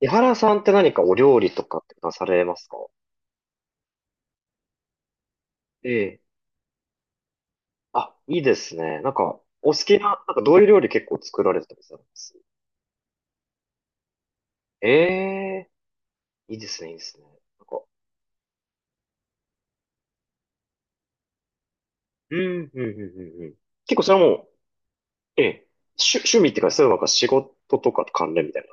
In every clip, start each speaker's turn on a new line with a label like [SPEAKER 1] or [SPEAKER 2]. [SPEAKER 1] 江原さんって何かお料理とかってなされますか？ええ。あ、いいですね。なんか、お好きな、なんかどういう料理結構作られてたりされます？ええ、いいですね、いいですね。なんか、うん、うん、うん、うんうん。結構それはもう、ええ、趣、趣味っていうか、そういうなんか仕事とかと関連みたい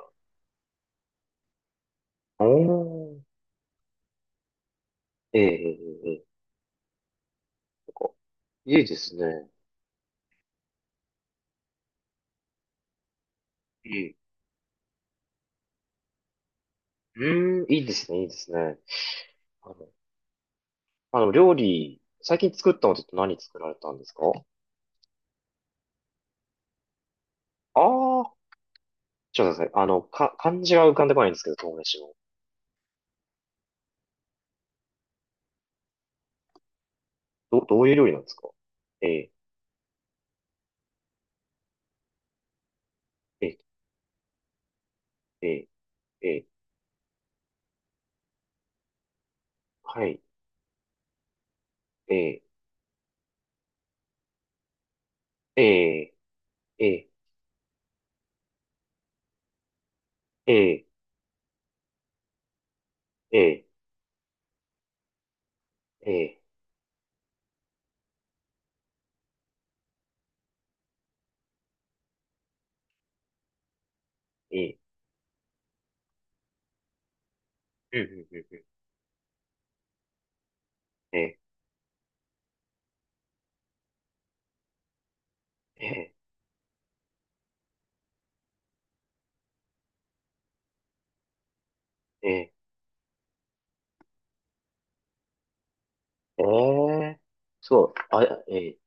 [SPEAKER 1] な。おー。ええ、ええ、ええ。ええなんか、いいですね。いい。うん、いいですね、いいですね。あの、あの料理、最近作ったのって何作られたんですか？ああー、ちょっと待ってください。あの、か、漢字が浮かんでこないんですけど、豆飯の。ど、どういう料理なんですか？ええええええええはい、ええええええええええええええうんうんうんうんええええええええそう、あ、ええ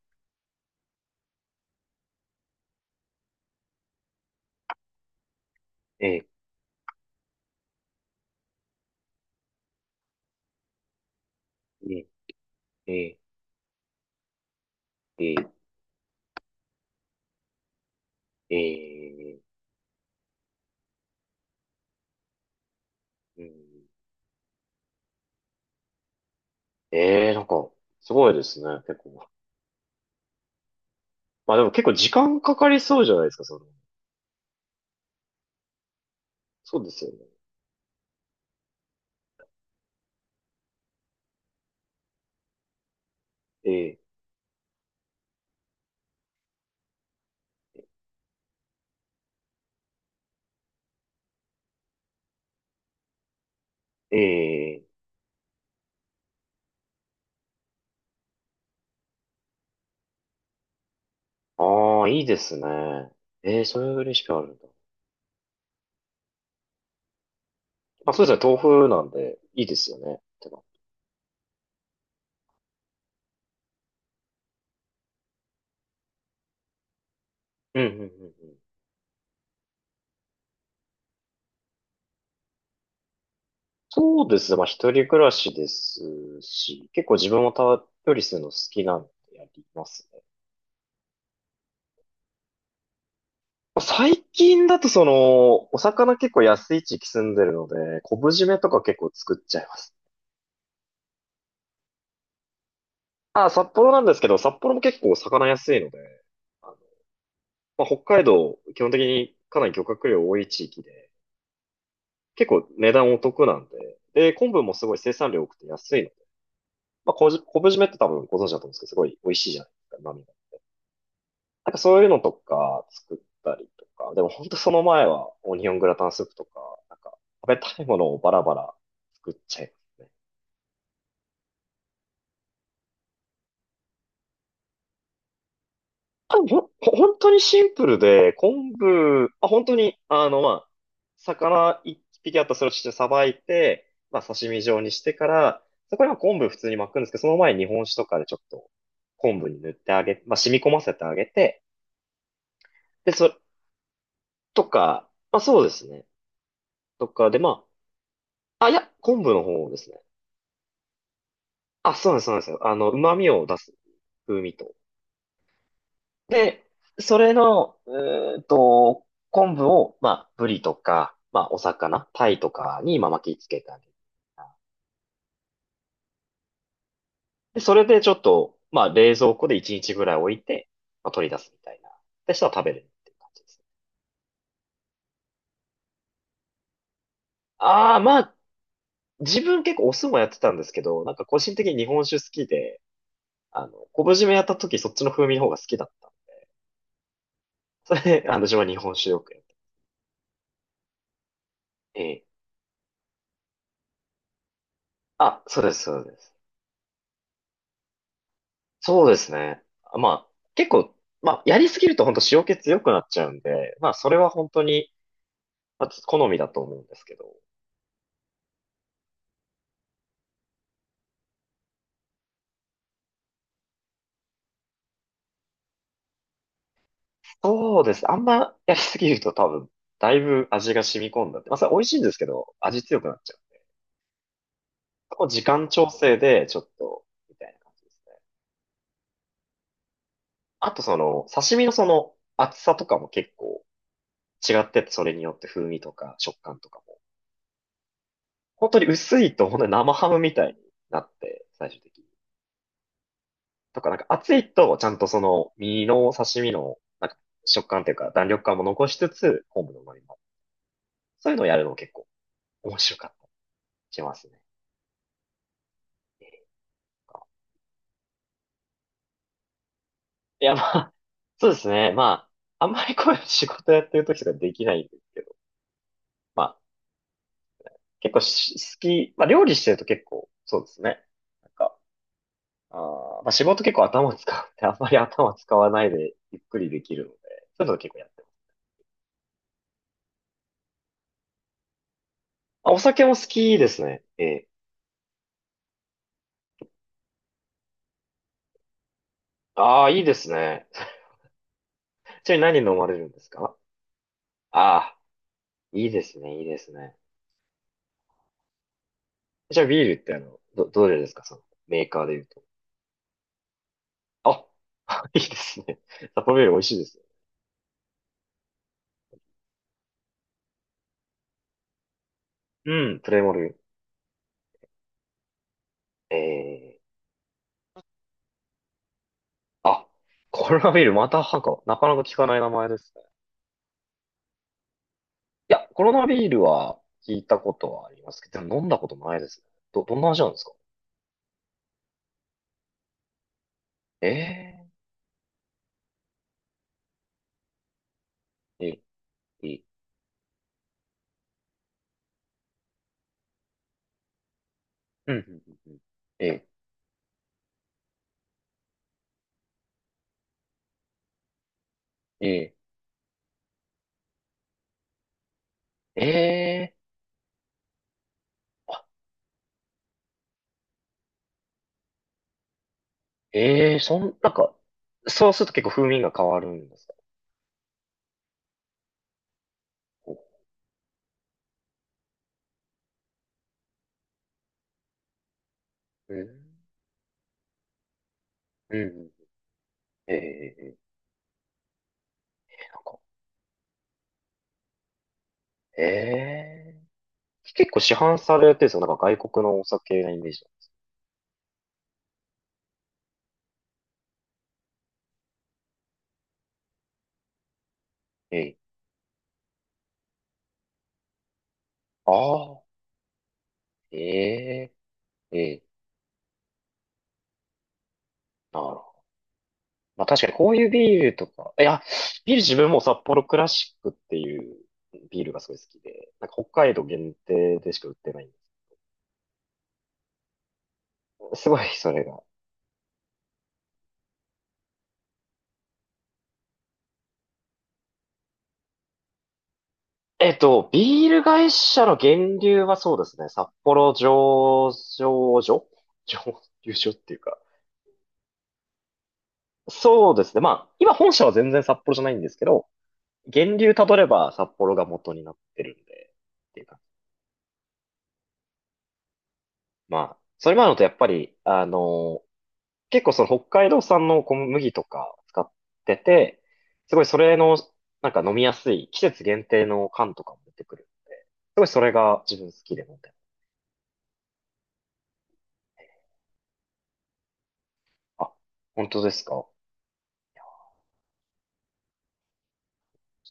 [SPEAKER 1] ええええええええうんええなんか、すごいですね、結構。まあでも結構時間かかりそうじゃないですか、その。そうですよね。えええああ、いいですね。ええ、そういうレシピあるんだ。まあそうですね、豆腐なんで、いいですよね。てかうんうんうんうん。そうですね、まあ一人暮らしですし、結構自分もたっぷりするの好きなんでやりますね。まあ最近だとその、お魚結構安い地域住んでるので、昆布締めとか結構作っちゃいます。ああ、札幌なんですけど、札幌も結構お魚安いので、あの、まあ、北海道、基本的にかなり漁獲量多い地域で、結構値段お得なんで、で、昆布もすごい生産量多くて安いので、まあ、昆布締めって多分ご存知だと思うんですけど、すごい美味しいじゃないですか、旨味が。なんかそういうのとか作ったりとか、でも本当その前はオニオングラタンスープとか、なんか食べたいものをバラバラ作っちゃいますね。あ、ほん、ほ本当にシンプルで、昆布、あ、本当に、あの、まあ、魚一匹あったらそれをしてさばいて、まあ、刺身状にしてから、そこには昆布普通に巻くんですけど、その前に日本酒とかでちょっと昆布に塗ってあげ、まあ、染み込ませてあげて、で、そ、とか、まあ、そうですね。とかで、まあ、あ、いや、昆布の方ですね。あ、そうなんです、そうなんですよ。あの、旨味を出す風味と。で、それの、昆布を、まあ、ブリとか、まあ、お魚、タイとかに、まあ、巻きつけてあげる。で、それでちょっと、まあ、冷蔵庫で1日ぐらい置いて、まあ、取り出すみたいな。で、したら食べるっていう感じです。ああ、まあ、自分結構お酢もやってたんですけど、なんか個人的に日本酒好きで、あの、昆布締めやった時そっちの風味の方が好きだった。それで、あの、自分は日本酒よくやって。ええあ、そうです、そうです。そうですね。まあ、結構、まあ、やりすぎると本当塩気強くなっちゃうんで、まあ、それは本当に、まあ、好みだと思うんですけど。そうです。あんまやりすぎると多分、だいぶ味が染み込んだって。まあ、それ美味しいんですけど、味強くなっちゃう。そこ時間調整で、ちょっと、みたいな感じですね。あと、その、刺身のその、厚さとかも結構違ってて、それによって風味とか食感とかも。本当に薄いと、本当に生ハムみたいになって、最終的に。とか、なんか熱いと、ちゃんとその、身の刺身の、なんか、食感というか、弾力感も残しつつ、昆布の旨味も。そういうのをやるの結構面白かったりしますね。いや、まあ、そうですね。まあ、あんまりこういう仕事やってる時とかできないんですけど、まあ、結構し好き、まあ、料理してると結構、そうですね。なんか、あまあ、仕事結構頭を使うって、あんまり頭使わないでゆっくりできるので、そういうの結構やってます。まあ、お酒も好きですね。ええ。ああ、いいですね。ちなみに何飲まれるんですか？ああ、いいですね、いいですね。じゃあビールってあの、ど、どれですか、その、メーカーで言うと。あ、いいですね。札幌ビール美味しいですよ。うん、プレモル。ええあ、コロナビール、またなんか、なかなか聞かない名前ですね。いや、コロナビールは聞いたことはありますけど、でも飲んだこともないですね。ど、どんな味なんですか？ええええええうん、うん、うんうん。ええええええあ、ええそん、なんか、そうすると結構風味が変わるんですか？こうええうんうん。ええなんか、ええ結構市販されてるんですよ。なんか外国のお酒なイメージ。ええああ、ええええなるほど。まあ確かにこういうビールとか、いや、ビール自分も札幌クラシックっていうビールがすごい好きで、なんか北海道限定でしか売ってないんです。すごい、それが。ビール会社の源流はそうですね、札幌醸造所醸造所っていうか、そうですね。まあ、今本社は全然札幌じゃないんですけど、源流たどれば札幌が元になってるんで、っていうか。まあ、それもあるのとやっぱり、あの、結構その北海道産の小麦とか使ってて、すごいそれの、なんか飲みやすい季節限定の缶とかも出てくる。すごいそれが自分好きで飲んでる。あ、本当ですか？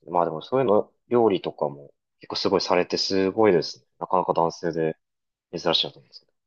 [SPEAKER 1] いやまあでもそういうの、料理とかも結構すごいされてすごいですね。なかなか男性で珍しいなと思うんですけど。